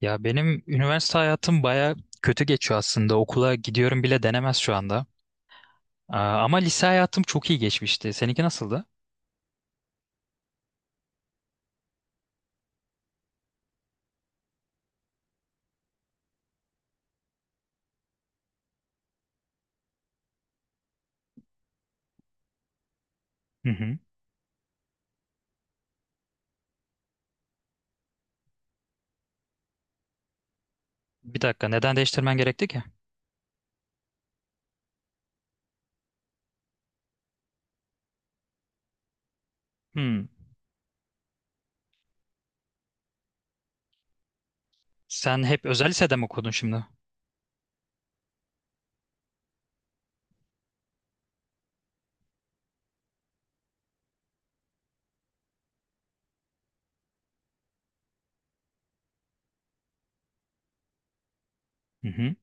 Ya benim üniversite hayatım baya kötü geçiyor aslında. Okula gidiyorum bile denemez şu anda. Aa, ama lise hayatım çok iyi geçmişti. Seninki nasıldı? Hı hı. Bir dakika, neden değiştirmen gerekti ki? Hmm. Sen hep özel lisede mi okudun şimdi? Hı hı.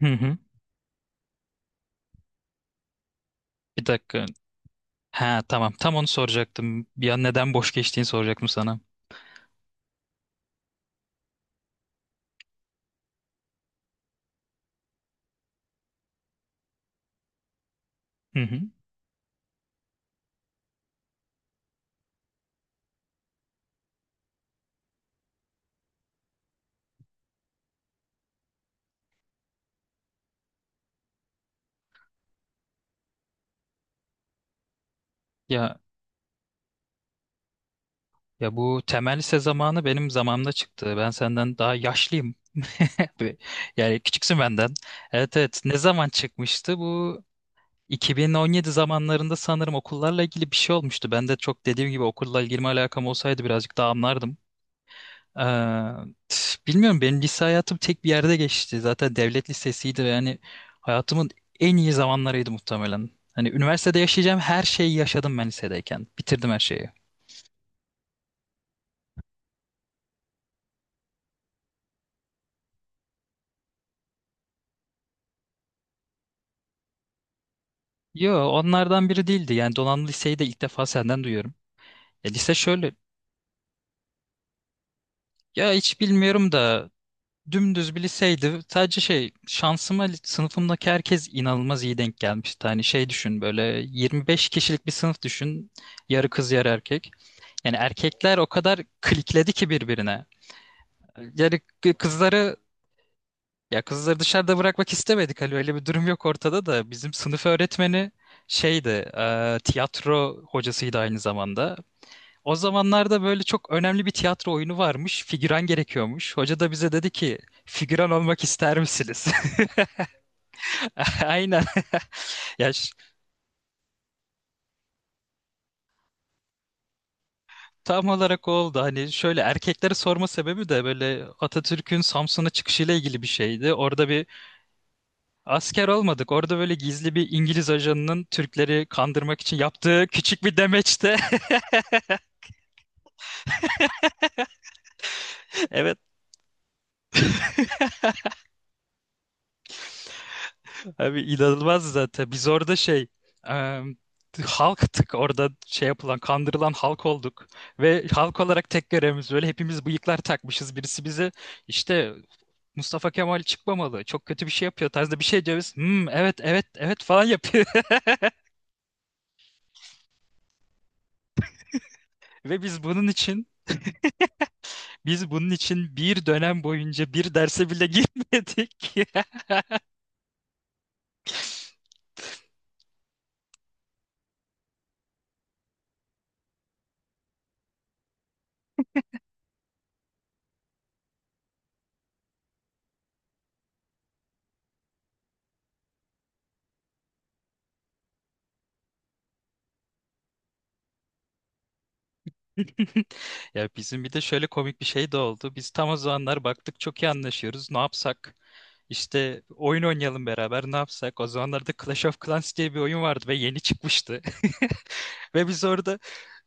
Hı hı. Bir dakika. Ha, tamam. Tam onu soracaktım. Ya neden boş geçtiğini soracaktım sana. Hı hı. Ya ya bu temel lise zamanı benim zamanımda çıktı. Ben senden daha yaşlıyım. Ve- Yani küçüksün benden. Evet, evet. Ne zaman çıkmıştı bu? 2017 zamanlarında sanırım okullarla ilgili bir şey olmuştu. Ben de, çok dediğim gibi, okulla ilgili alakam olsaydı birazcık daha anlardım. Eee, Bilmiyorum, benim lise hayatım tek bir yerde geçti. Zaten devlet lisesiydi ve yani hayatımın en iyi zamanlarıydı muhtemelen. Hani üniversitede yaşayacağım her şeyi yaşadım ben lisedeyken. Bitirdim her şeyi. Yo, onlardan biri değildi. Yani donanımlı liseyi de ilk defa senden duyuyorum. Lise şöyle, ya hiç bilmiyorum da, dümdüz bir liseydi. Sadece şey, şansıma, sınıfımdaki herkes inanılmaz iyi denk gelmişti. Hani şey, düşün, böyle 25 kişilik bir sınıf düşün. Yarı kız, yarı erkek. Yani erkekler o kadar klikledi ki birbirine. Yani kızları dışarıda bırakmak istemedik. Hani öyle bir durum yok ortada da, bizim sınıf öğretmeni şeydi, tiyatro hocasıydı aynı zamanda. O zamanlarda böyle çok önemli bir tiyatro oyunu varmış. Figüran gerekiyormuş. Hoca da bize dedi ki, figüran olmak ister misiniz? Aynen. Ya, tam olarak o oldu. Hani şöyle, erkekleri sorma sebebi de böyle Atatürk'ün Samsun'a çıkışıyla ilgili bir şeydi. Orada bir asker olmadık. Orada böyle gizli bir İngiliz ajanının Türkleri kandırmak için yaptığı küçük bir demeçte. Abi, inanılmaz zaten. Biz orada şey, e, halktık, orada şey yapılan, kandırılan halk olduk. Ve halk olarak tek görevimiz, böyle hepimiz bıyıklar takmışız. Birisi bize, işte Mustafa Kemal çıkmamalı, çok kötü bir şey yapıyor tarzda bir şey diyoruz. Hmm, evet, evet, evet falan yapıyor. Ve biz bunun için, bir dönem boyunca bir derse bile girmedik. Ya, bizim bir de şöyle komik bir şey de oldu. Biz tam o zamanlar baktık çok iyi anlaşıyoruz. Ne yapsak? İşte, oyun oynayalım beraber, ne yapsak? O zamanlarda Clash of Clans diye bir oyun vardı ve yeni çıkmıştı. Ve biz orada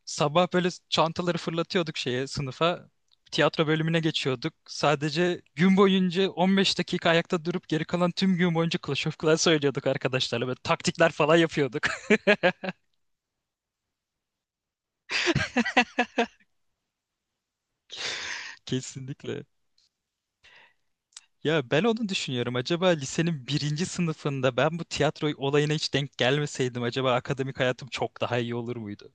sabah böyle çantaları fırlatıyorduk şeye, sınıfa. Tiyatro bölümüne geçiyorduk. Sadece gün boyunca 15 dakika ayakta durup, geri kalan tüm gün boyunca Clash of Clans oynuyorduk arkadaşlarla. Böyle taktikler falan yapıyorduk. Kesinlikle. Ya ben onu düşünüyorum. Acaba lisenin birinci sınıfında ben bu tiyatro olayına hiç denk gelmeseydim, acaba akademik hayatım çok daha iyi olur muydu?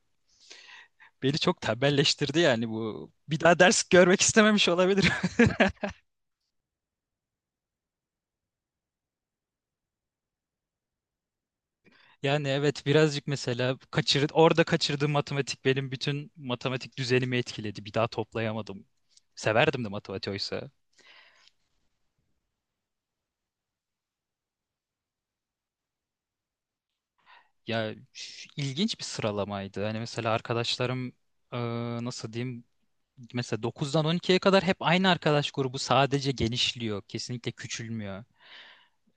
Beni çok tembelleştirdi yani bu. Bir daha ders görmek istememiş olabilirim. Yani evet, birazcık, mesela orada kaçırdığım matematik benim bütün matematik düzenimi etkiledi. Bir daha toplayamadım. Severdim de matematiği oysa. Ya üf, ilginç bir sıralamaydı. Hani mesela arkadaşlarım, e, nasıl diyeyim, mesela 9'dan 12'ye kadar hep aynı arkadaş grubu sadece genişliyor. Kesinlikle küçülmüyor.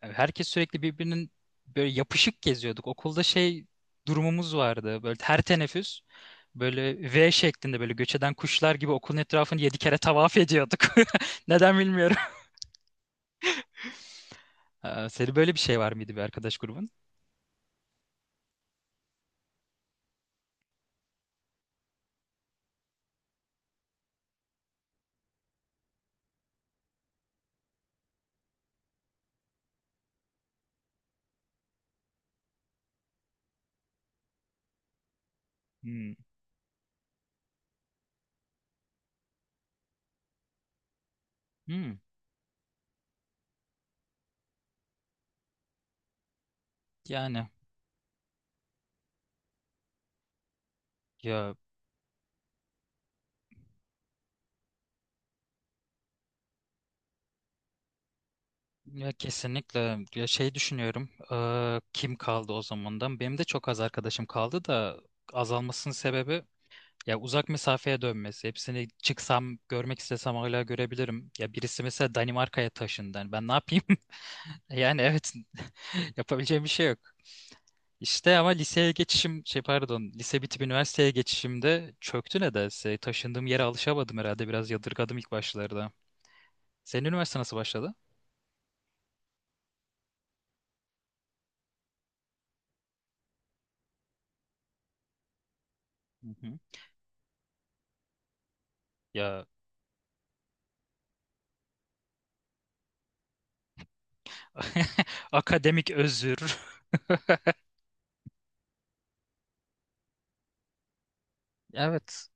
Yani herkes sürekli birbirinin, böyle yapışık geziyorduk. Okulda şey durumumuz vardı. Böyle her teneffüs böyle V şeklinde, böyle göç eden kuşlar gibi okulun etrafını 7 kere tavaf ediyorduk. Neden bilmiyorum. Senin böyle bir şey var mıydı, bir arkadaş grubun? Hmm. Hmm. Yani, ya Ya kesinlikle, ya şey düşünüyorum, kim kaldı o zamandan? Benim de çok az arkadaşım kaldı da, azalmasının sebebi ya uzak mesafeye dönmesi. Hepsini, çıksam görmek istesem, hala görebilirim, ya birisi mesela Danimarka'ya taşındı. Yani ben ne yapayım? Yani evet, yapabileceğim bir şey yok. İşte, ama liseye geçişim, şey, pardon, lise bitip üniversiteye geçişimde çöktü nedense, taşındığım yere alışamadım herhalde, biraz yadırgadım ilk başlarda. Senin üniversite nasıl başladı? Hı hı. Ya. Akademik özür. Evet.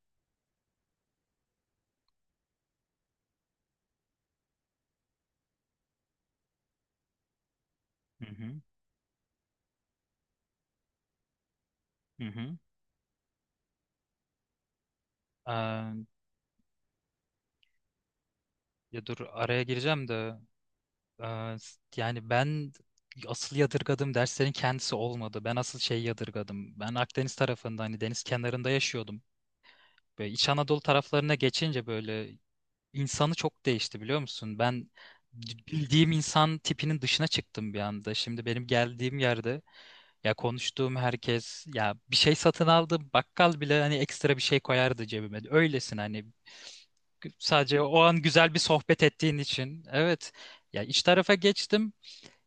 Hı hı, hı hı. Eee, Ya dur, araya gireceğim de, yani ben, asıl yadırgadığım derslerin kendisi olmadı. Ben asıl şeyi yadırgadım. Ben Akdeniz tarafında, hani deniz kenarında yaşıyordum. Böyle İç Anadolu taraflarına geçince böyle İnsanı çok değişti, biliyor musun? Ben bildiğim insan tipinin dışına çıktım bir anda. Şimdi benim geldiğim yerde, ya konuştuğum herkes, ya bir şey satın aldım, bakkal bile hani ekstra bir şey koyardı cebime. Öylesine, hani sadece o an güzel bir sohbet ettiğin için. Evet. Ya iç tarafa geçtim.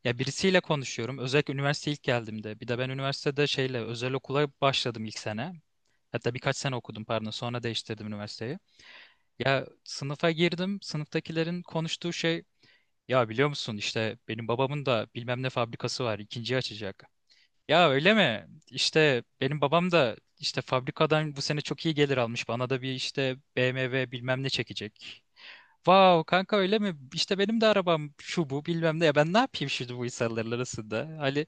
Ya birisiyle konuşuyorum, özellikle üniversite ilk geldiğimde. Bir de ben üniversitede şeyle, özel okula başladım ilk sene. Hatta birkaç sene okudum, pardon. Sonra değiştirdim üniversiteyi. Ya sınıfa girdim. Sınıftakilerin konuştuğu şey, ya biliyor musun, işte benim babamın da bilmem ne fabrikası var, ikinciyi açacak. Ya öyle mi? İşte benim babam da işte fabrikadan bu sene çok iyi gelir almış. Bana da bir, işte BMW bilmem ne çekecek. Vav kanka, öyle mi? İşte benim de arabam şu bu bilmem ne. Ya ben ne yapayım şimdi bu insanların arasında? Ali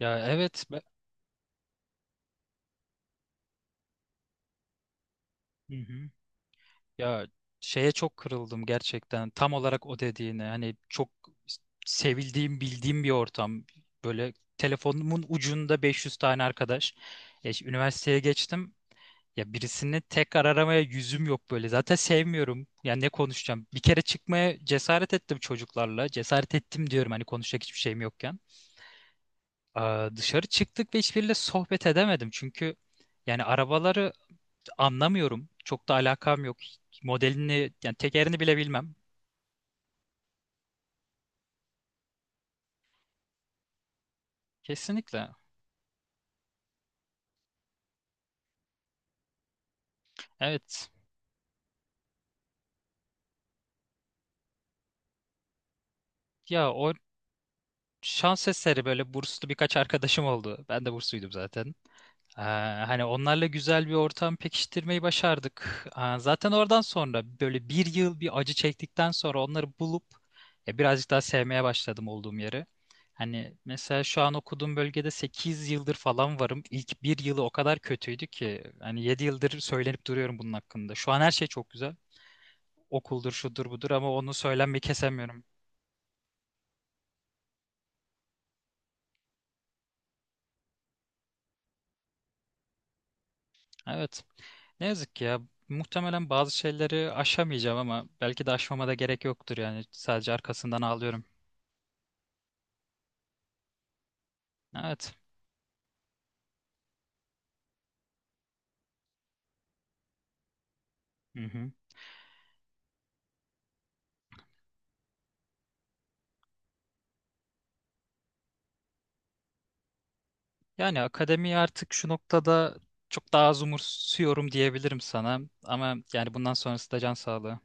ya, evet, ben... Hı hı. Ya şeye çok kırıldım gerçekten. Tam olarak o dediğine. Hani çok sevildiğim, bildiğim bir ortam. Böyle telefonumun ucunda 500 tane arkadaş. Üniversiteye geçtim. Ya birisini tekrar aramaya yüzüm yok böyle. Zaten sevmiyorum. Ya ne konuşacağım? Bir kere çıkmaya cesaret ettim çocuklarla. Cesaret ettim diyorum, hani konuşacak hiçbir şeyim yokken. Aa, dışarı çıktık ve hiçbiriyle sohbet edemedim. Çünkü yani arabaları anlamıyorum. Çok da alakam yok. Modelini yani, tekerini bile bilmem. Kesinlikle. Evet. Ya o şans eseri böyle burslu birkaç arkadaşım oldu. Ben de bursluydum zaten. Ee, Hani onlarla güzel bir ortam pekiştirmeyi başardık. Zaten oradan sonra, böyle bir yıl bir acı çektikten sonra, onları bulup birazcık daha sevmeye başladım olduğum yeri. Hani mesela şu an okuduğum bölgede 8 yıldır falan varım. İlk bir yılı o kadar kötüydü ki, hani 7 yıldır söylenip duruyorum bunun hakkında. Şu an her şey çok güzel. Okuldur, şudur, budur, ama onu, söylenmeyi kesemiyorum. Evet. Ne yazık ki ya. Muhtemelen bazı şeyleri aşamayacağım ama belki de aşmama da gerek yoktur yani. Sadece arkasından ağlıyorum. Evet. Hı hı. Yani akademiyi artık şu noktada çok daha az umursuyorum diyebilirim sana. Ama yani bundan sonrası da can sağlığı.